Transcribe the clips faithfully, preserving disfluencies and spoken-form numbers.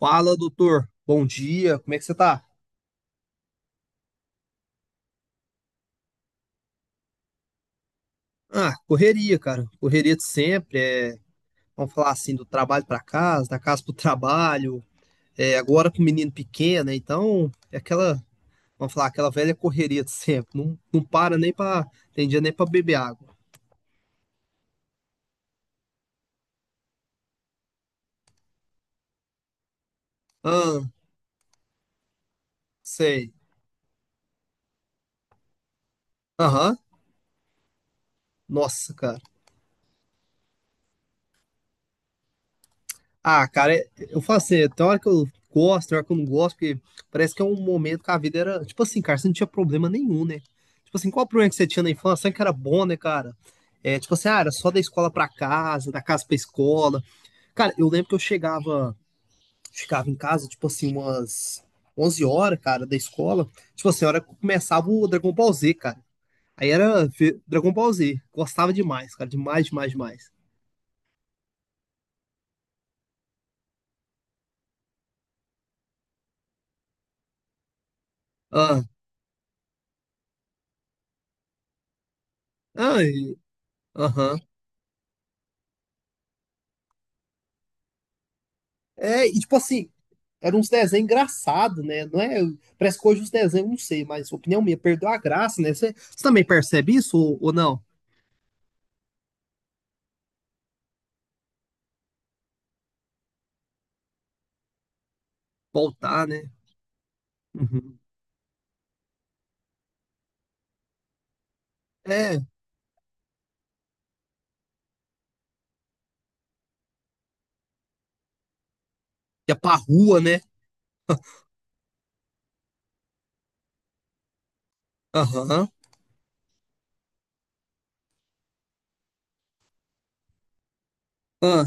Fala, doutor. Bom dia. Como é que você tá? Ah, correria, cara. Correria de sempre. É, vamos falar assim, do trabalho pra casa, da casa pro trabalho. É, agora com o menino pequeno, né? Então, é aquela, vamos falar, aquela velha correria de sempre. Não, não para nem pra, tem dia nem pra beber água. Ah, sei. Aham. Nossa, cara. Ah, cara, é- eu falo assim, tem hora que eu gosto, tem hora que eu não gosto, porque parece que é um momento que a vida era, tipo assim, cara, você não tinha problema nenhum, né? Tipo assim, qual o problema que você tinha na infância? Sabe que era bom, né, cara? É, tipo assim, ah, era só da escola pra casa, da casa pra escola. Cara, eu lembro que eu chegava, ficava em casa, tipo assim, umas onze horas, cara, da escola. Tipo assim, a hora que começava o Dragon Ball Z, cara. Aí era ver Dragon Ball Z, gostava demais, cara, demais, demais, demais. Ah, ah, e- aham. É, e tipo assim, era uns desenhos engraçados, né? Não é, parece que hoje os desenhos, não sei, mas opinião minha, perdeu a graça, né? Você também percebe isso ou, ou não? Voltar, né? Uhum. É, ia pra rua, né? Aham. Ah,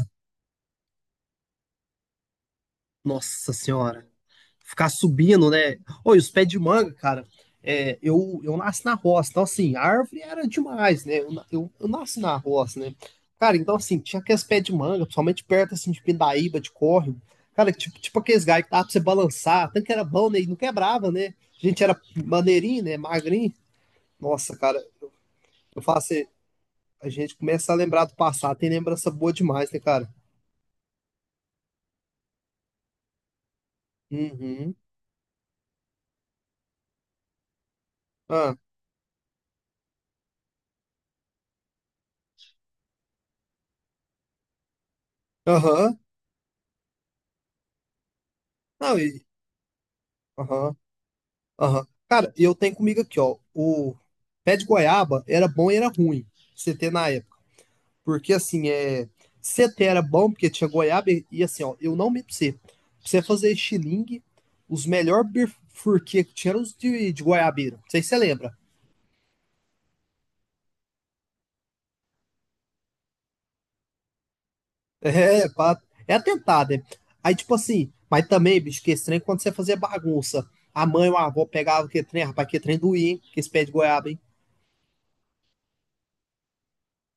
nossa senhora. Ficar subindo, né? Oi, os pés de manga, cara. É, eu, eu nasci na roça, então assim, árvore era demais, né? Eu, na- eu, eu nasci na roça, né? Cara, então assim, tinha aqueles pés de manga, principalmente perto assim de Pindaíba, de córrego. Cara, tipo, tipo aqueles galhos que dava pra você balançar, tanto que era bom, né? E não quebrava, né? A gente era maneirinho, né? Magrinho. Nossa, cara, eu falo assim, a gente começa a lembrar do passado, tem lembrança boa demais, né, cara? Uhum. Ah, aham. Não, e. Aham. Aham. Cara, e eu tenho comigo aqui, ó. O pé de goiaba era bom e era ruim, C T na época. Porque assim, é. C T era bom porque tinha goiaba e, e, assim, ó, eu não me pra você. Pra você fazer estilingue, os melhores bifurquê que tinha eram os de, de goiabeira. Não sei se você lembra. É, pá, é atentado, né? Aí, tipo assim, mas também, bicho, que estranho quando você fazia bagunça. A mãe ou a avó pegava que trem, rapaz, que trem doía, hein? Que esse pé de goiaba, hein?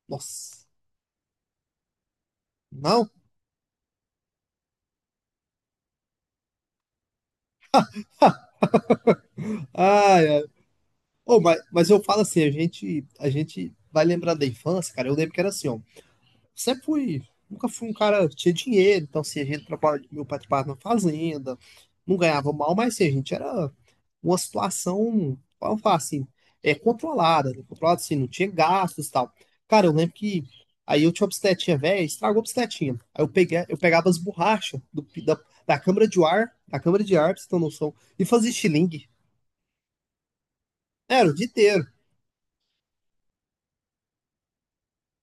Nossa. Não? Ai, ai. Oh, mas, mas eu falo assim, a gente, a gente vai lembrar da infância, cara. Eu lembro que era assim, ó. Sempre fui, nunca fui um cara que tinha dinheiro, então assim, a gente trabalhava, meu pai trabalhava na fazenda, não ganhava mal, mas assim, a gente era uma situação, vamos falar assim, é controlada, né? Controlada assim, não tinha gastos e tal. Cara, eu lembro que aí eu tinha uma bicicletinha velha, estragou a bicicletinha. Aí eu peguei, eu pegava as borrachas do- da, da câmara de ar, da câmara de ar, pra você ter noção, e fazia estilingue. Era o dia inteiro.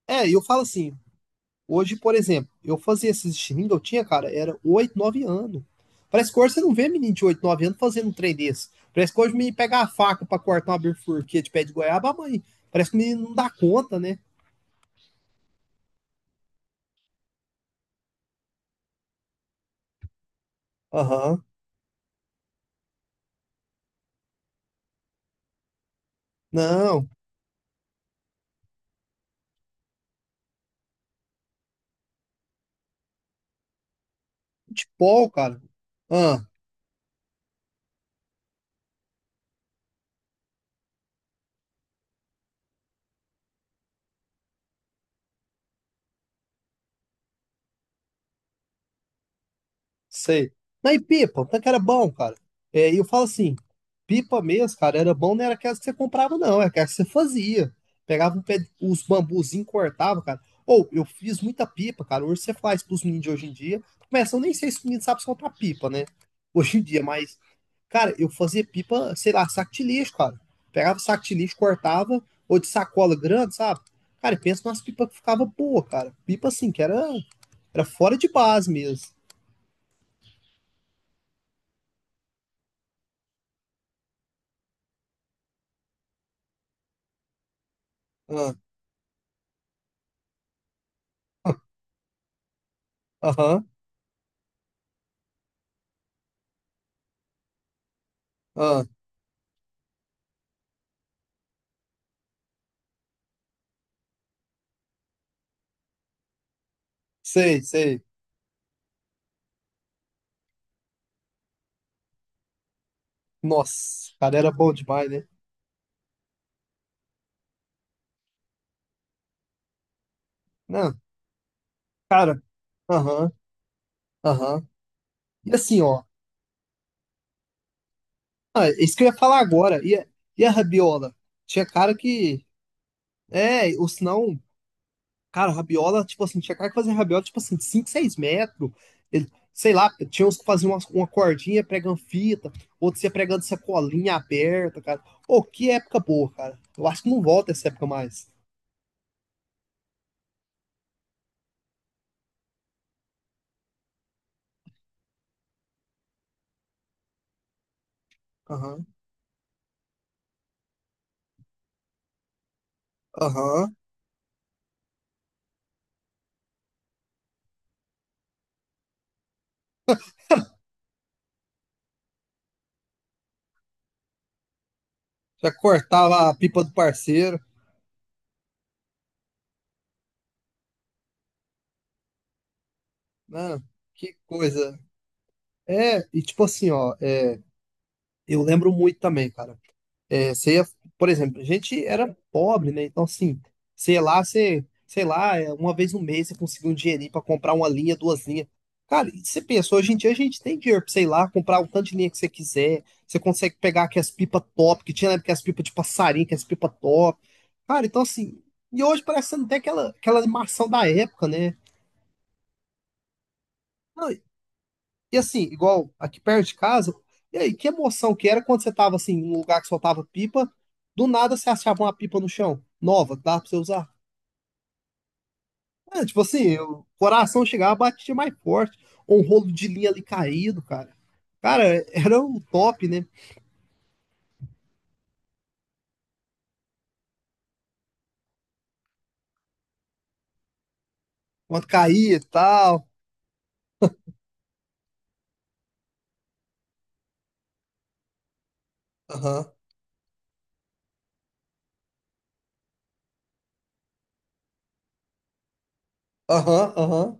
É, e eu falo assim, hoje, por exemplo, eu fazia esses streaming eu tinha, cara, era oito, nove anos. Parece que hoje você não vê menino de oito, nove anos fazendo um trem desse. Parece que hoje o menino pega a faca pra cortar uma bifurquia de pé de goiaba, ah, mãe. Parece que o menino não dá conta, né? Aham. Não, futebol, cara. Ah, sei. Não, e pipa, o tanque era bom, cara. É, e eu falo assim, pipa mesmo, cara, era bom, não era aquelas que você comprava, não, era aquelas que você fazia. Pegava um pé, os bambuzinhos, cortava, cara. Ou, eu fiz muita pipa, cara. Hoje você faz pros meninos de hoje em dia. Começa, eu nem sei se os meninos sabem soltar pipa, né? Hoje em dia, mas, cara, eu fazia pipa, sei lá, saco de lixo, cara. Pegava saco de lixo, cortava, ou de sacola grande, sabe? Cara, e pensa nas pipas que ficava boa, cara. Pipa assim, que era, era fora de base mesmo. Ah. Aham, ah, sei, sei. Nossa, cara, era bom demais, né? Não, cara, aham, aham. E assim, ó, ah, é isso que eu ia falar agora. E, a- e a rabiola? Tinha cara que. É, ou senão, cara, rabiola, tipo assim, tinha cara que fazia rabiola, tipo assim, cinco seis metros. Ele- sei lá, tinha uns que faziam uma, uma cordinha pregando fita, outros ia pregando sacolinha aberta, cara. Ô, que época boa, cara. Eu acho que não volta essa época mais. Aham, aham. Já cortava a pipa do parceiro. Não, que coisa. É, e tipo assim, ó, é, eu lembro muito também, cara. É, você ia, por exemplo, a gente era pobre, né? Então, assim, sei lá, você, sei lá, é, uma vez no mês você conseguia um dinheirinho pra comprar uma linha, duas linhas. Cara, e você pensa, hoje em dia a gente tem dinheiro pra, sei lá, comprar o tanto de linha que você quiser. Você consegue pegar aquelas as pipas top, que tinha na época as pipas de passarinho, que as pipas top. Cara, então assim, e hoje parece que você não tem aquela, aquela animação da época, né? Não, e assim, igual aqui perto de casa, e aí, que emoção que era quando você tava assim, num lugar que soltava pipa, do nada você achava uma pipa no chão, nova, que dava pra você usar. É, tipo assim, o coração chegava, batia mais forte, ou um rolo de linha ali caído, cara. Cara, era o top, né? Quando caía e tal. Aham, aham, aham,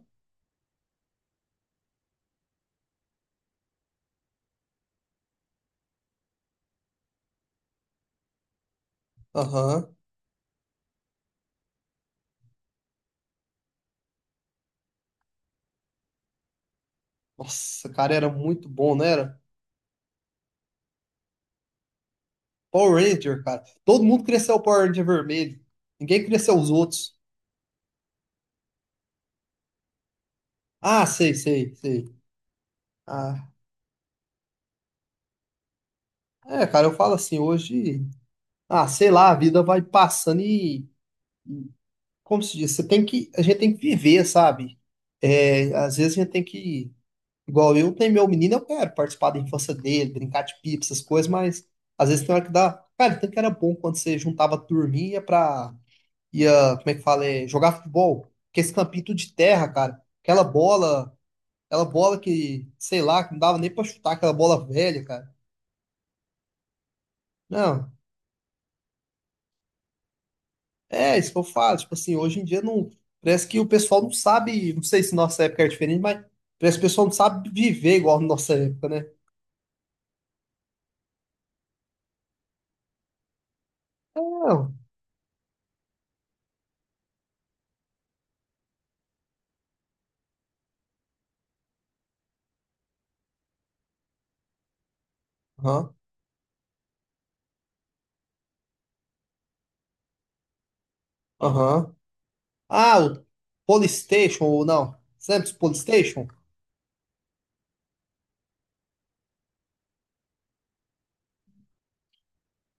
aham. Nossa, cara, era muito bom, não era? Power Ranger, cara. Todo mundo cresceu o Power Ranger vermelho. Ninguém cresceu os outros. Ah, sei, sei, sei. Ah, é, cara, eu falo assim, hoje, ah, sei lá, a vida vai passando e, como se diz, você tem que, a gente tem que viver, sabe? É, às vezes a gente tem que, igual eu tenho meu menino, eu quero participar da infância dele, brincar de pipa, essas coisas, mas às vezes tem hora que dá, cara, tanto que era bom quando você juntava a turminha pra, ia, como é que fala, é, jogar futebol, porque esse campinho tudo de terra, cara, aquela bola, aquela bola que, sei lá, que não dava nem pra chutar, aquela bola velha, cara. Não, é, isso que eu falo. Tipo assim, hoje em dia não. Parece que o pessoal não sabe. Não sei se nossa época é diferente, mas parece que o pessoal não sabe viver igual na nossa época, né? Não. Aham. Aham. Ah, o Polystation ou não? Sempre os Polystation?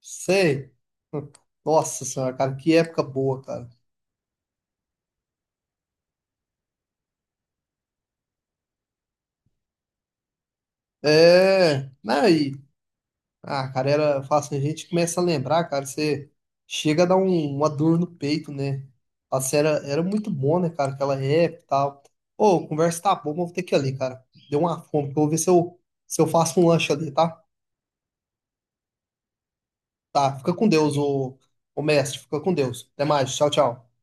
Sei. Hum, Nossa senhora, cara, que época boa, cara. É. Né? Ah, cara, era, fácil. A gente começa a lembrar, cara, você chega a dar um- uma dor no peito, né? Fala assim, era, era muito bom, né, cara, aquela época e tal. Ô, a conversa tá boa, mas vou ter que ir ali, cara. Deu uma fome, que eu vou ver se eu, se eu faço um lanche ali, tá? Tá, fica com Deus, ô, ô mestre, fica com Deus. Até mais, tchau, tchau.